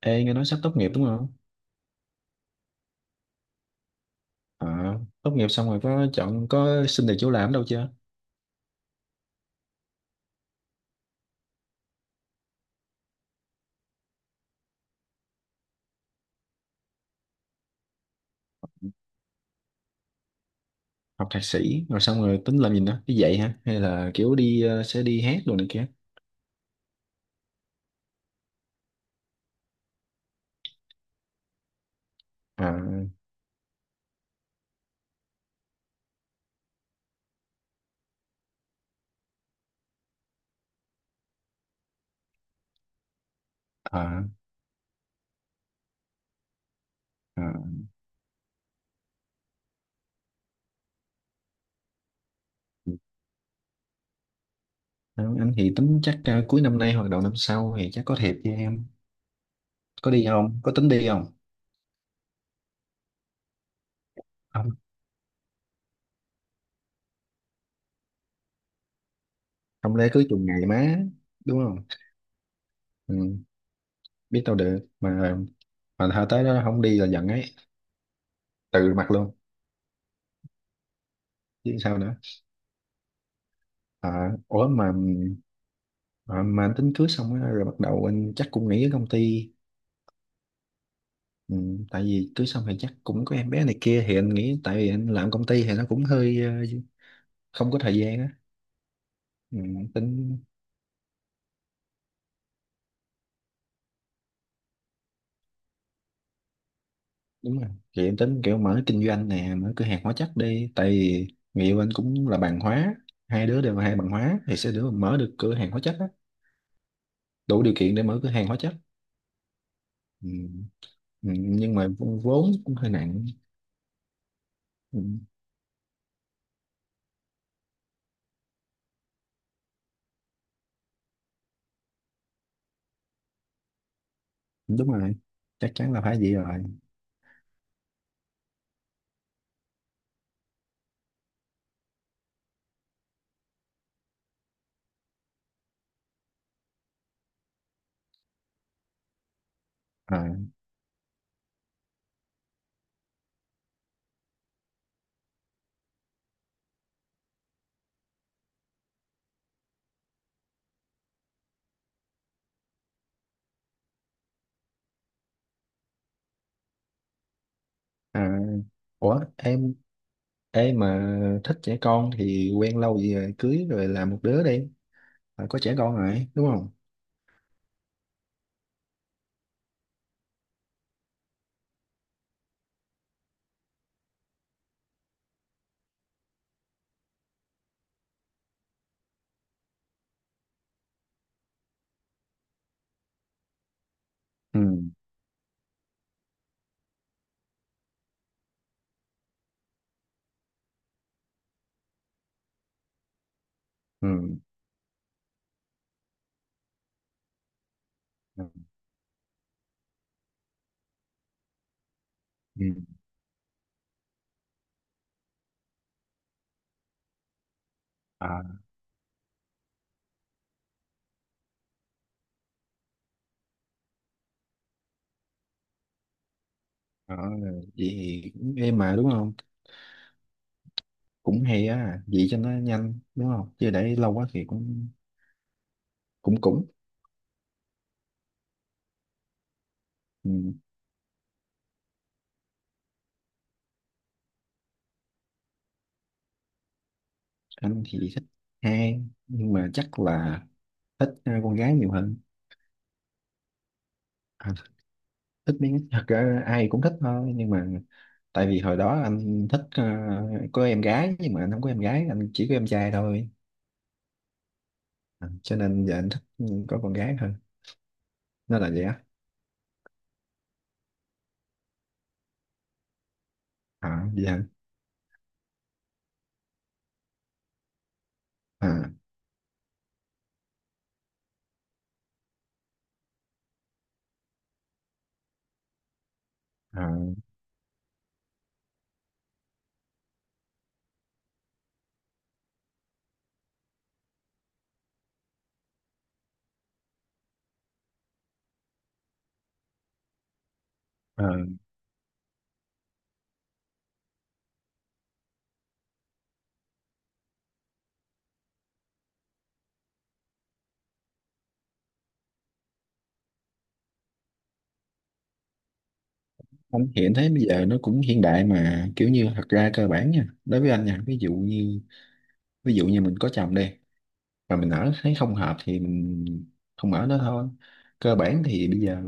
Ê, nghe nói sắp tốt nghiệp đúng không? À, tốt nghiệp xong rồi có xin được chỗ làm đâu chưa? Học thạc sĩ rồi xong rồi tính làm gì nữa? Đi dạy hả? Hay là kiểu sẽ đi hát đồ này kia? À, à, à. Đó, anh thì tính chắc cuối năm nay hoặc đầu năm sau thì chắc có thiệp cho em. Có đi không? Có tính đi không? Không, không lẽ cứ chừng ngày má, đúng không? Ừ, biết đâu được mà thôi tới đó không đi là giận ấy, từ mặt luôn chứ sao nữa. À, ủa mà anh tính cưới xong á, rồi bắt đầu anh chắc cũng nghỉ ở công ty. Ừ, tại vì cưới xong thì chắc cũng có em bé này kia thì anh nghĩ tại vì anh làm công ty thì nó cũng hơi không có thời gian á. Ừ, tính đúng rồi thì em tính kiểu mở kinh doanh nè, mở cửa hàng hóa chất đi, tại vì người yêu anh cũng là bằng hóa, hai đứa đều là hai bằng hóa thì sẽ được mở được cửa hàng hóa chất á, đủ điều kiện để mở cửa hàng hóa chất. Ừ. Ừ, nhưng mà vốn cũng hơi nặng. Ừ, đúng rồi, chắc chắn là phải vậy rồi. À, à, ủa em. Ê mà thích trẻ con thì quen lâu gì rồi cưới rồi làm một đứa đi. Phải có trẻ con rồi đúng không? Ừ, ừ, ừ, ừ. À, đó, vậy thì cũng êm mà đúng không, cũng hay á, vậy cho nó nhanh đúng không chứ để lâu quá thì cũng cũng cũng. Ừ, anh thì thích hai, nhưng mà chắc là thích con gái nhiều hơn. À, thích thật ra ai cũng thích thôi, nhưng mà tại vì hồi đó anh thích có em gái nhưng mà anh không có em gái, anh chỉ có em trai thôi. À, cho nên giờ anh thích có con gái hơn, nó là vậy á. À, vậy hả? À, à, à. Anh hiện thấy bây giờ nó cũng hiện đại mà kiểu như thật ra cơ bản nha, đối với anh nha, ví dụ như, ví dụ như mình có chồng đi mà mình ở thấy không hợp thì mình không ở nữa thôi. Cơ bản thì bây giờ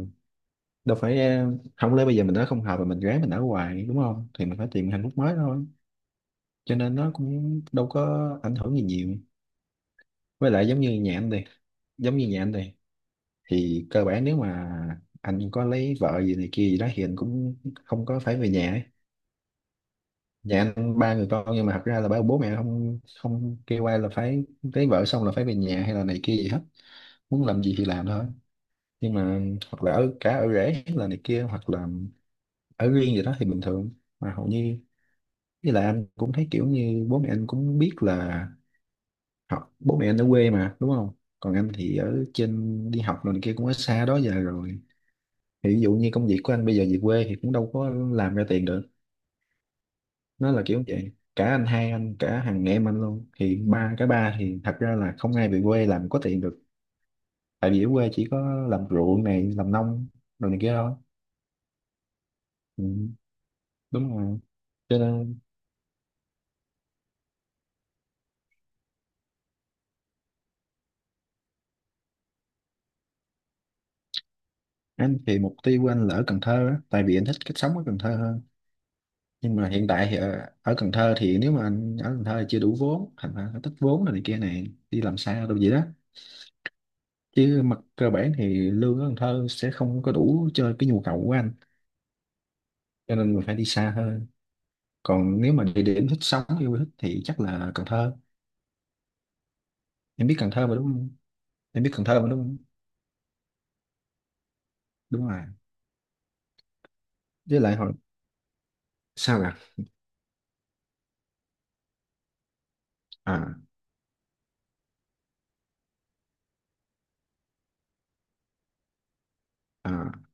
đâu phải không lẽ bây giờ mình ở không hợp mà mình gái mình ở hoài đúng không, thì mình phải tìm hạnh phúc mới thôi, cho nên nó cũng đâu có ảnh hưởng gì nhiều. Với lại giống như nhà anh đi, giống như nhà anh đi thì cơ bản nếu mà anh có lấy vợ gì này kia gì đó thì anh cũng không có phải về nhà ấy. Nhà anh ba người con nhưng mà thật ra là bảo bố mẹ không không kêu ai là phải lấy vợ xong là phải về nhà hay là này kia gì hết, muốn làm gì thì làm thôi, nhưng mà hoặc là ở cả ở rể hay là này kia hoặc là ở riêng gì đó thì bình thường. Mà hầu như, với lại anh cũng thấy kiểu như bố mẹ anh cũng biết là họ, bố mẹ anh ở quê mà đúng không, còn anh thì ở trên đi học rồi này kia cũng ở xa đó giờ rồi, thì ví dụ như công việc của anh bây giờ về quê thì cũng đâu có làm ra tiền được. Nó là kiểu vậy, cả anh hai, anh cả, thằng em anh luôn, thì ba cả ba thì thật ra là không ai về quê làm có tiền được, tại vì ở quê chỉ có làm ruộng này, làm nông rồi này kia thôi. Ừ, đúng rồi, cho nên anh thì mục tiêu của anh là ở Cần Thơ á, tại vì anh thích cách sống ở Cần Thơ hơn. Nhưng mà hiện tại thì ở Cần Thơ thì nếu mà anh ở Cần Thơ thì chưa đủ vốn, thành ra nó tích vốn rồi này kia này đi làm xa đâu vậy đó, chứ mặt cơ bản thì lương ở Cần Thơ sẽ không có đủ cho cái nhu cầu của anh, cho nên mình phải đi xa hơn. Còn nếu mà địa điểm thích sống yêu thích thì chắc là Cần Thơ. Em biết Cần Thơ mà đúng không? Em biết Cần Thơ mà đúng không? Đúng rồi. Với lại hồi, sao là, à, à,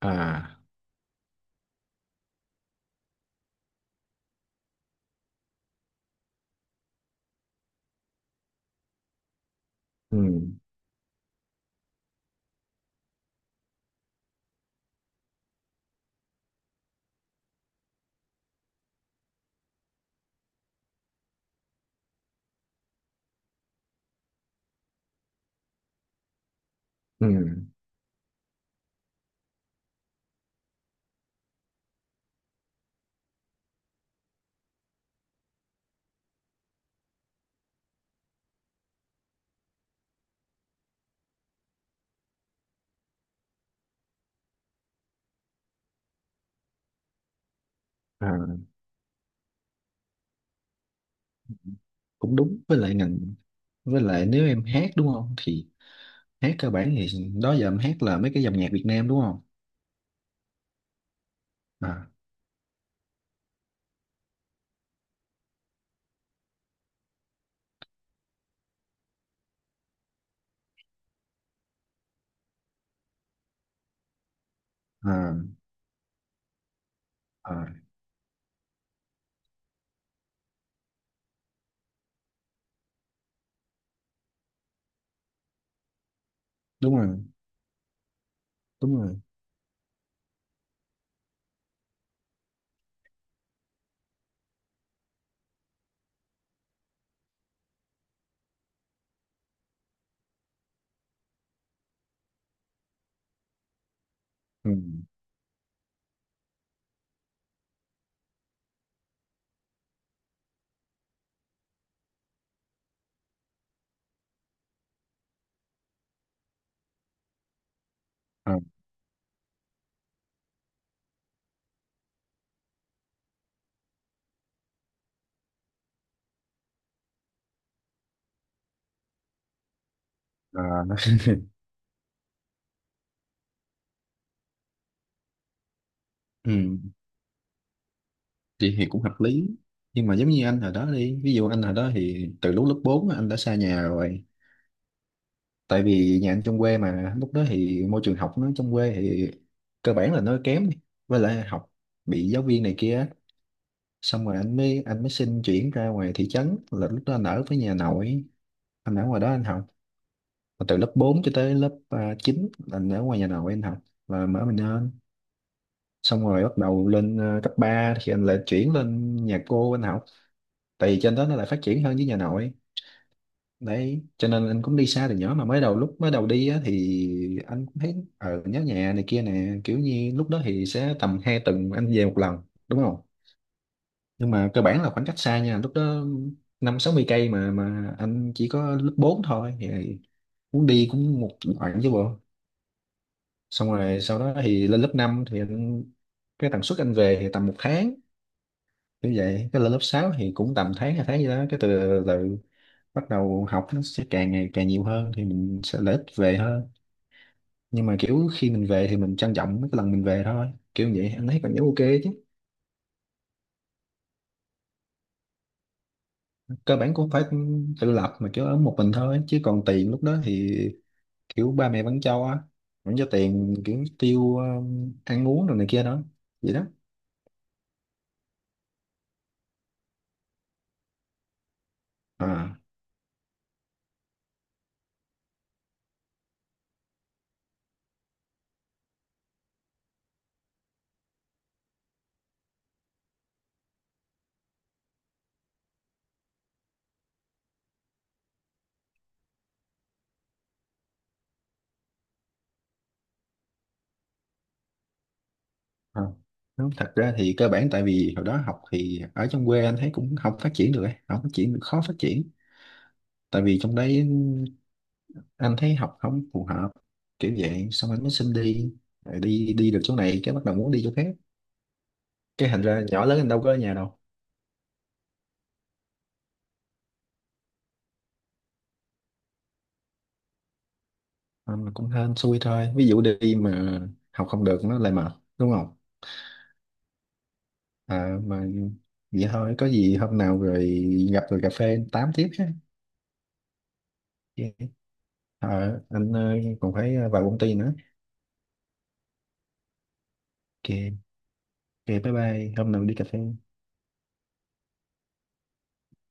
à, ừ, ừ, à, cũng đúng, với lại ngành, với lại nếu em hát đúng không thì hát cơ bản thì đó giờ em hát là mấy cái dòng nhạc Việt Nam đúng không? À, à, à, đúng rồi, đúng rồi. Ừ, à, à. Ừ, thì cũng hợp lý, nhưng mà giống như anh hồi đó đi ví dụ anh hồi đó thì từ lúc lớp 4 anh đã xa nhà rồi, tại vì nhà anh trong quê mà lúc đó thì môi trường học nó trong quê thì cơ bản là nó kém đi, với lại học bị giáo viên này kia á. Xong rồi anh mới xin chuyển ra ngoài thị trấn, là lúc đó anh ở với nhà nội, anh ở ngoài đó anh học. Và từ lớp 4 cho tới lớp 9 là anh ở ngoài nhà nội anh học, và mở mình lên, xong rồi bắt đầu lên cấp 3 thì anh lại chuyển lên nhà cô anh học, tại vì trên đó nó lại phát triển hơn với nhà nội. Đấy cho nên anh cũng đi xa từ nhỏ, mà mới đầu, lúc mới đầu đi á, thì anh cũng thấy ở nhớ nhà này kia nè, kiểu như lúc đó thì sẽ tầm 2 tuần anh về một lần, đúng không? Nhưng mà cơ bản là khoảng cách xa nha, lúc đó năm sáu mươi cây mà anh chỉ có lớp 4 thôi thì muốn đi cũng một đoạn chứ bộ. Xong rồi sau đó thì lên lớp 5 thì anh, cái tần suất anh về thì tầm một tháng, như vậy cái lên lớp 6 thì cũng tầm tháng hai tháng gì đó, cái từ, từ bắt đầu học nó sẽ càng ngày càng nhiều hơn thì mình sẽ lợi ích về hơn, nhưng mà kiểu khi mình về thì mình trân trọng mấy cái lần mình về thôi, kiểu vậy anh thấy cảm giác ok chứ. Cơ bản cũng phải tự lập mà, kiểu ở một mình thôi chứ còn tiền lúc đó thì kiểu ba mẹ vẫn cho á, vẫn cho tiền kiểu tiêu ăn uống rồi này kia đó, vậy đó. À, à. Đúng, thật ra thì cơ bản tại vì hồi đó học thì ở trong quê anh thấy cũng không phát triển được ấy, không phát triển khó phát triển, tại vì trong đấy anh thấy học không phù hợp kiểu vậy, xong anh mới xin đi. Rồi đi đi được chỗ này cái bắt đầu muốn đi chỗ khác, cái thành ra nhỏ lớn anh đâu có ở nhà đâu. Anh cũng hên xui thôi, ví dụ đi mà học không được nó lại mệt, đúng không? Mà vậy thôi, có gì hôm nào rồi gặp rồi cà phê tám tiếp ha. Ok. Anh còn phải vào công ty nữa. Ok, ok, bye bye, hôm nào đi cà phê.